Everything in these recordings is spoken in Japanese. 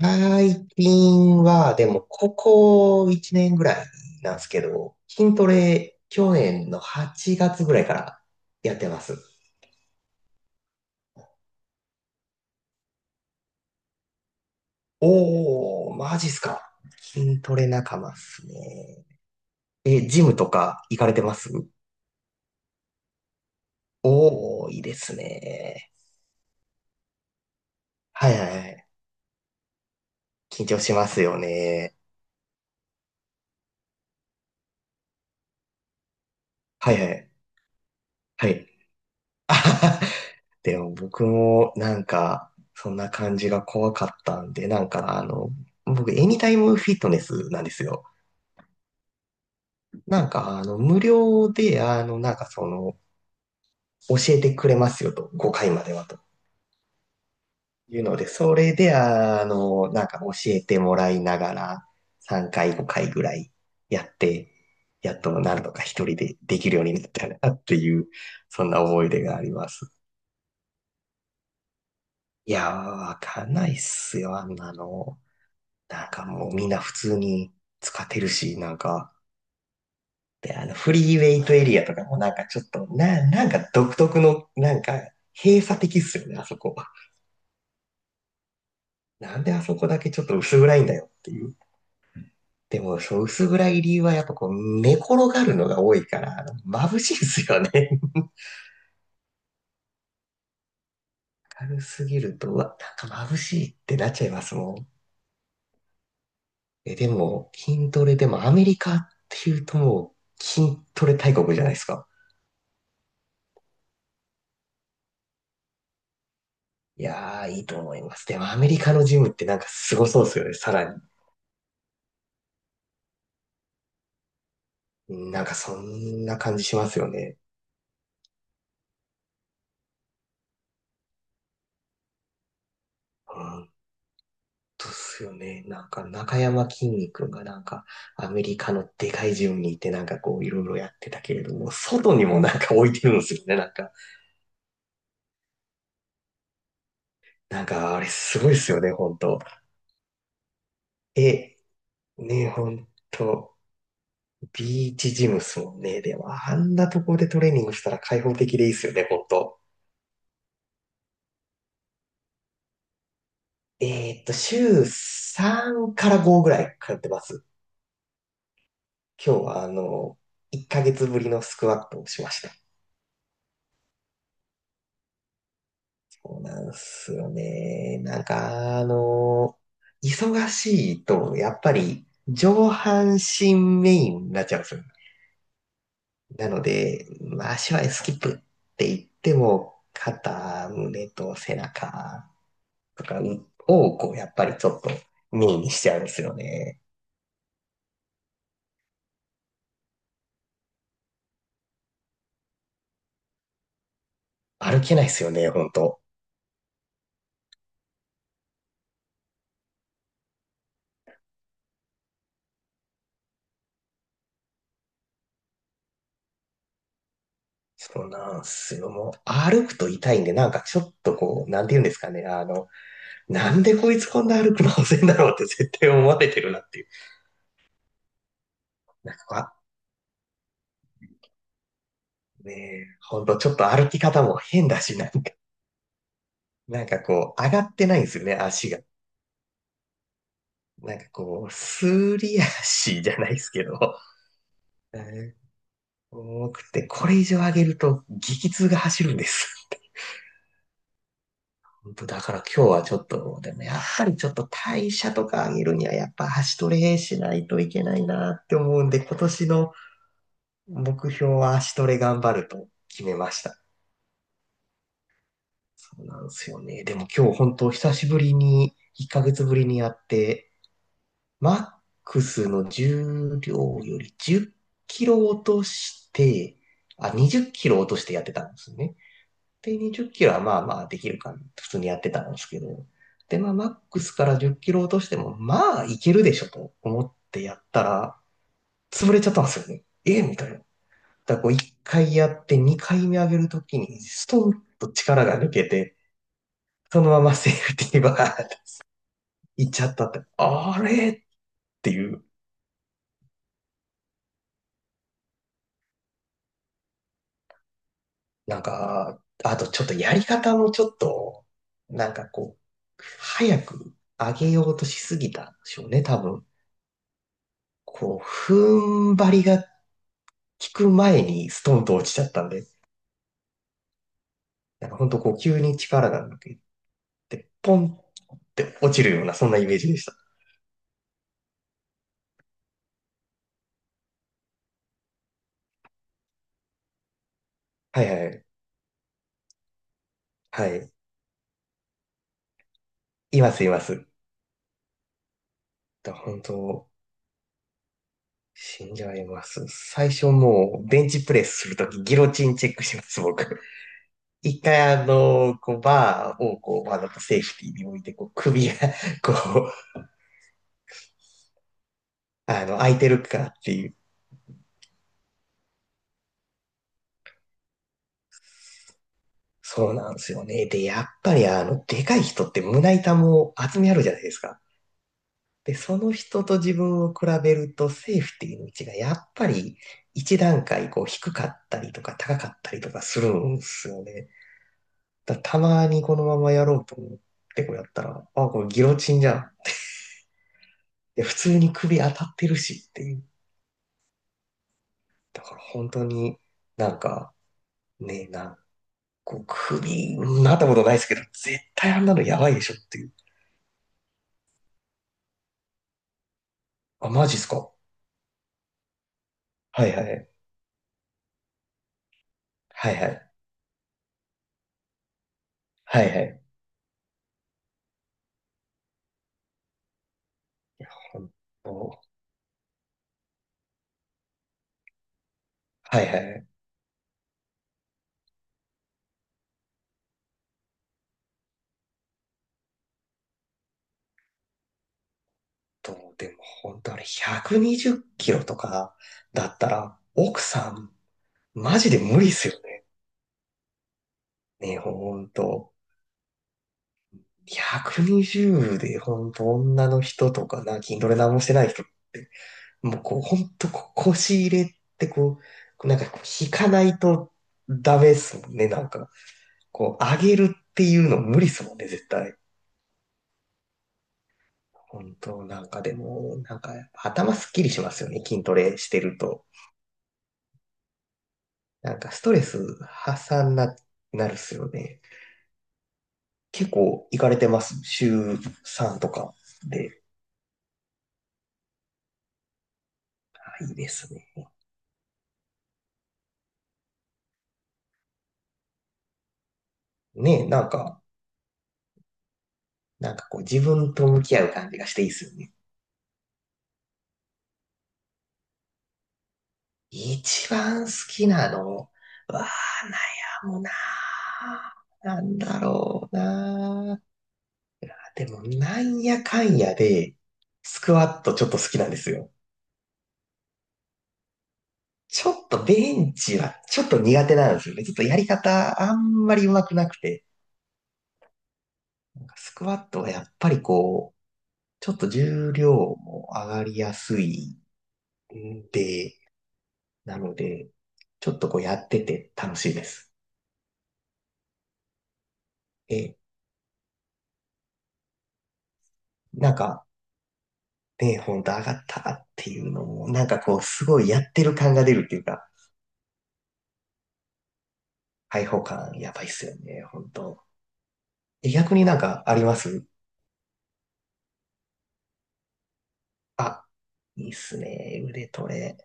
最近は、でも、ここ1年ぐらいなんですけど、筋トレ、去年の8月ぐらいからやってます。おー、マジっすか。筋トレ仲間っすね。え、ジムとか行かれてます？おー、いいですね。はいはいはい。緊張しますよね。はいはい。はい。でも僕もなんか、そんな感じが怖かったんで、なんか僕、エニタイムフィットネスなんですよ。なんか無料で、なんか教えてくれますよと、5回まではと。いうので、それで、なんか教えてもらいながら、3回、5回ぐらいやって、やっとなんとか一人でできるようになったなっていう、そんな思い出があります。いやー、わかんないっすよ、あんなの。なんかもうみんな普通に使ってるし、なんか、で、フリーウェイトエリアとかもなんかちょっと、なんか独特の、なんか閉鎖的っすよね、あそこ。なんであそこだけちょっと薄暗いんだよっていう。でも、そう、薄暗い理由はやっぱこう、寝転がるのが多いから、眩しいっすよね。軽すぎると、うわ、なんか眩しいってなっちゃいますもん。え、でも、筋トレでもアメリカっていうともう、筋トレ大国じゃないですか。いやー、いいと思います。でもアメリカのジムってなんかすごそうですよね、さらに。なんかそんな感じしますよね。本当っすよね。なんか中山きんに君がなんかアメリカのでかいジムにいてなんかこういろいろやってたけれども、外にもなんか置いてるんですよね、なんか。なんかあれすごいですよね、本当。え、ね、本当。ビーチジムっすもんね。でもあんなところでトレーニングしたら開放的でいいっすよね、本当。週3から5ぐらい通ってます。今日は、1ヶ月ぶりのスクワットをしました。そうなんすよね。なんか、忙しいと、やっぱり、上半身メインになっちゃうんですよ。なので、まあ、足はスキップって言っても、肩、胸と背中とかを、こう、やっぱりちょっとメインにしちゃうんですよね。歩けないですよね、ほんと。そうなんすよ。もう、歩くと痛いんで、なんかちょっとこう、なんて言うんですかね。なんでこいつこんな歩くの遅いんだろうって絶対思われてるなっていう。なんか、ねえ、ほんとちょっと歩き方も変だし、なんか、なんかこう、上がってないんですよね、足が。なんかこう、すり足じゃないですけど、えー重くて、これ以上上げると激痛が走るんです。だから今日はちょっと、でもやっぱりちょっと代謝とか上げるにはやっぱ足トレしないといけないなって思うんで、今年の目標は足トレ頑張ると決めました。そうなんですよね。でも今日本当久しぶりに、1ヶ月ぶりにやって、マックスの重量より10キロ落として、あ、20キロ落としてやってたんですね。で、20キロはまあまあできるかな。普通にやってたんですけど。で、まあ、マックスから10キロ落としても、まあ、いけるでしょと思ってやったら、潰れちゃったんですよね。ええみたいな。だからこう、1回やって2回目上げるときに、ストンと力が抜けて、そのままセーフティーバーって行っちゃったって、あれっていう、なんか、あとちょっとやり方もちょっと、なんかこう、早く上げようとしすぎたんでしょうね、多分。こう、踏ん張りが効く前にストンと落ちちゃったんで、なんかほんとこう急に力が抜けて、ポンって落ちるような、そんなイメージでした。はいはい。はい。います、います。本当、死んじゃいます。最初もう、ベンチプレスするとき、ギロチンチェックします、僕。一回こう、バーをこう、わざとセーフティーに置いて、こう、首がこう、空いてるかっていう、そうなんですよね。で、やっぱりでかい人って胸板も厚みあるじゃないですか。で、その人と自分を比べるとセーフティーの位置がやっぱり一段階こう低かったりとか高かったりとかするんですよね。たまにこのままやろうと思ってこうやったら、あ、これギロチンじゃん。で、普通に首当たってるしっていう。だから本当になんかね、こう首、なったことないですけど、絶対あんなのやばいでしょっていう。あ、マジっすか。はいはい。はいはい。はいはい。ほんと、はいはい。でも本当あれ120キロとかだったら、奥さん、マジで無理っすよね。ね、ほんと。120でほんと女の人とかな、筋トレ何もしてない人って、もうこう、ほんとこ腰入れってこう、なんかこう引かないとダメっすもんね、なんか。こう、上げるっていうの無理っすもんね、絶対。本当、なんかでも、なんか頭すっきりしますよね、筋トレしてると。なんかストレス発散なるっすよね。結構行かれてます。週3とかで。あいいですね。ねえ、なんか、なんかこう自分と向き合う感じがしていいっすよね。一番好きなのは悩むなぁなんだろうなぁでも、なんやかんやで、スクワットちょっと好きなんですよ。ちょっとベンチはちょっと苦手なんですよね。ちょっとやり方あんまり上手くなくて。なんかスクワットはやっぱりこう、ちょっと重量も上がりやすいんで、なので、ちょっとこうやってて楽しいです。え、なんかね、ほんと上がったっていうのも、なんかこうすごいやってる感が出るっていうか、開放感やばいっすよね、ほんと。え逆になんかありますあ、いいっすね、腕トレ。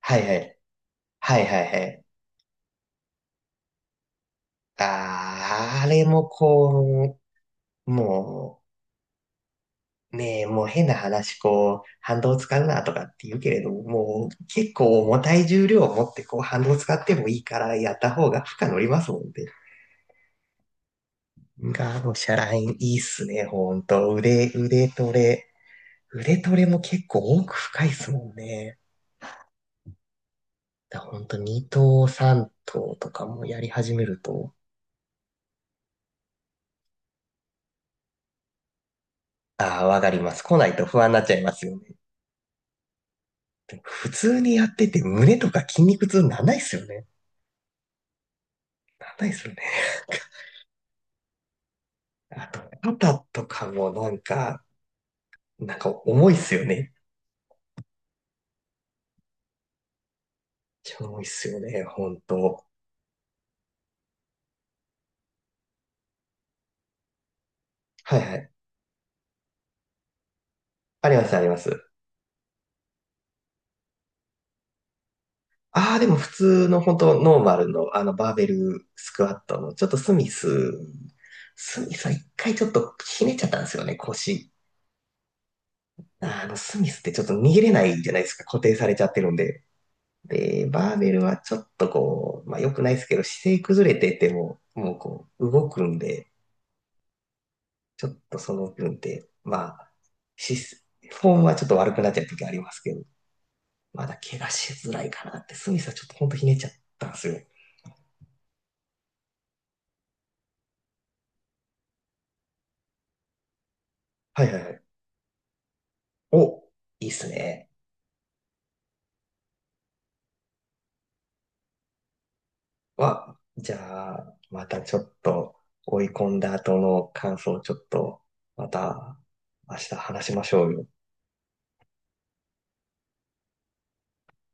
はいはい。はいはいはい。あー、あれもこう、もう、ねえ、もう変な話、こう、反動使うなとかって言うけれども、もう結構重たい重量を持ってこう反動使ってもいいからやった方が負荷乗りますもんね。ガードシャラインいいっすね、ほんと。腕トレ。腕トレも結構奥深いっすもんね。だからほんと2頭3頭とかもやり始めると、ああ、わかります。来ないと不安になっちゃいますよね。普通にやってて胸とか筋肉痛なんないっすよね。なんないっすよね。あと、肩とかもなんか、なんか重いっすよね。超重いっすよね、ほんと。はいはい。ありますあります。ああ、でも普通の本当ノーマルのあのバーベルスクワットの、ちょっとスミスは一回ちょっとひねっちゃったんですよね、腰。スミスってちょっと逃げれないじゃないですか、固定されちゃってるんで。で、バーベルはちょっとこう、まあ良くないですけど、姿勢崩れてても、もうこう、動くんで、ちょっとその分で、まあ、し、フォームはちょっと悪くなっちゃう時ありますけど、まだ怪我しづらいかなって、スミスはちょっとほんとひねっちゃったんですよ。はいはいはい。お、いいっすね。じゃあ、またちょっと追い込んだ後の感想をちょっと、また明日話しましょうよ。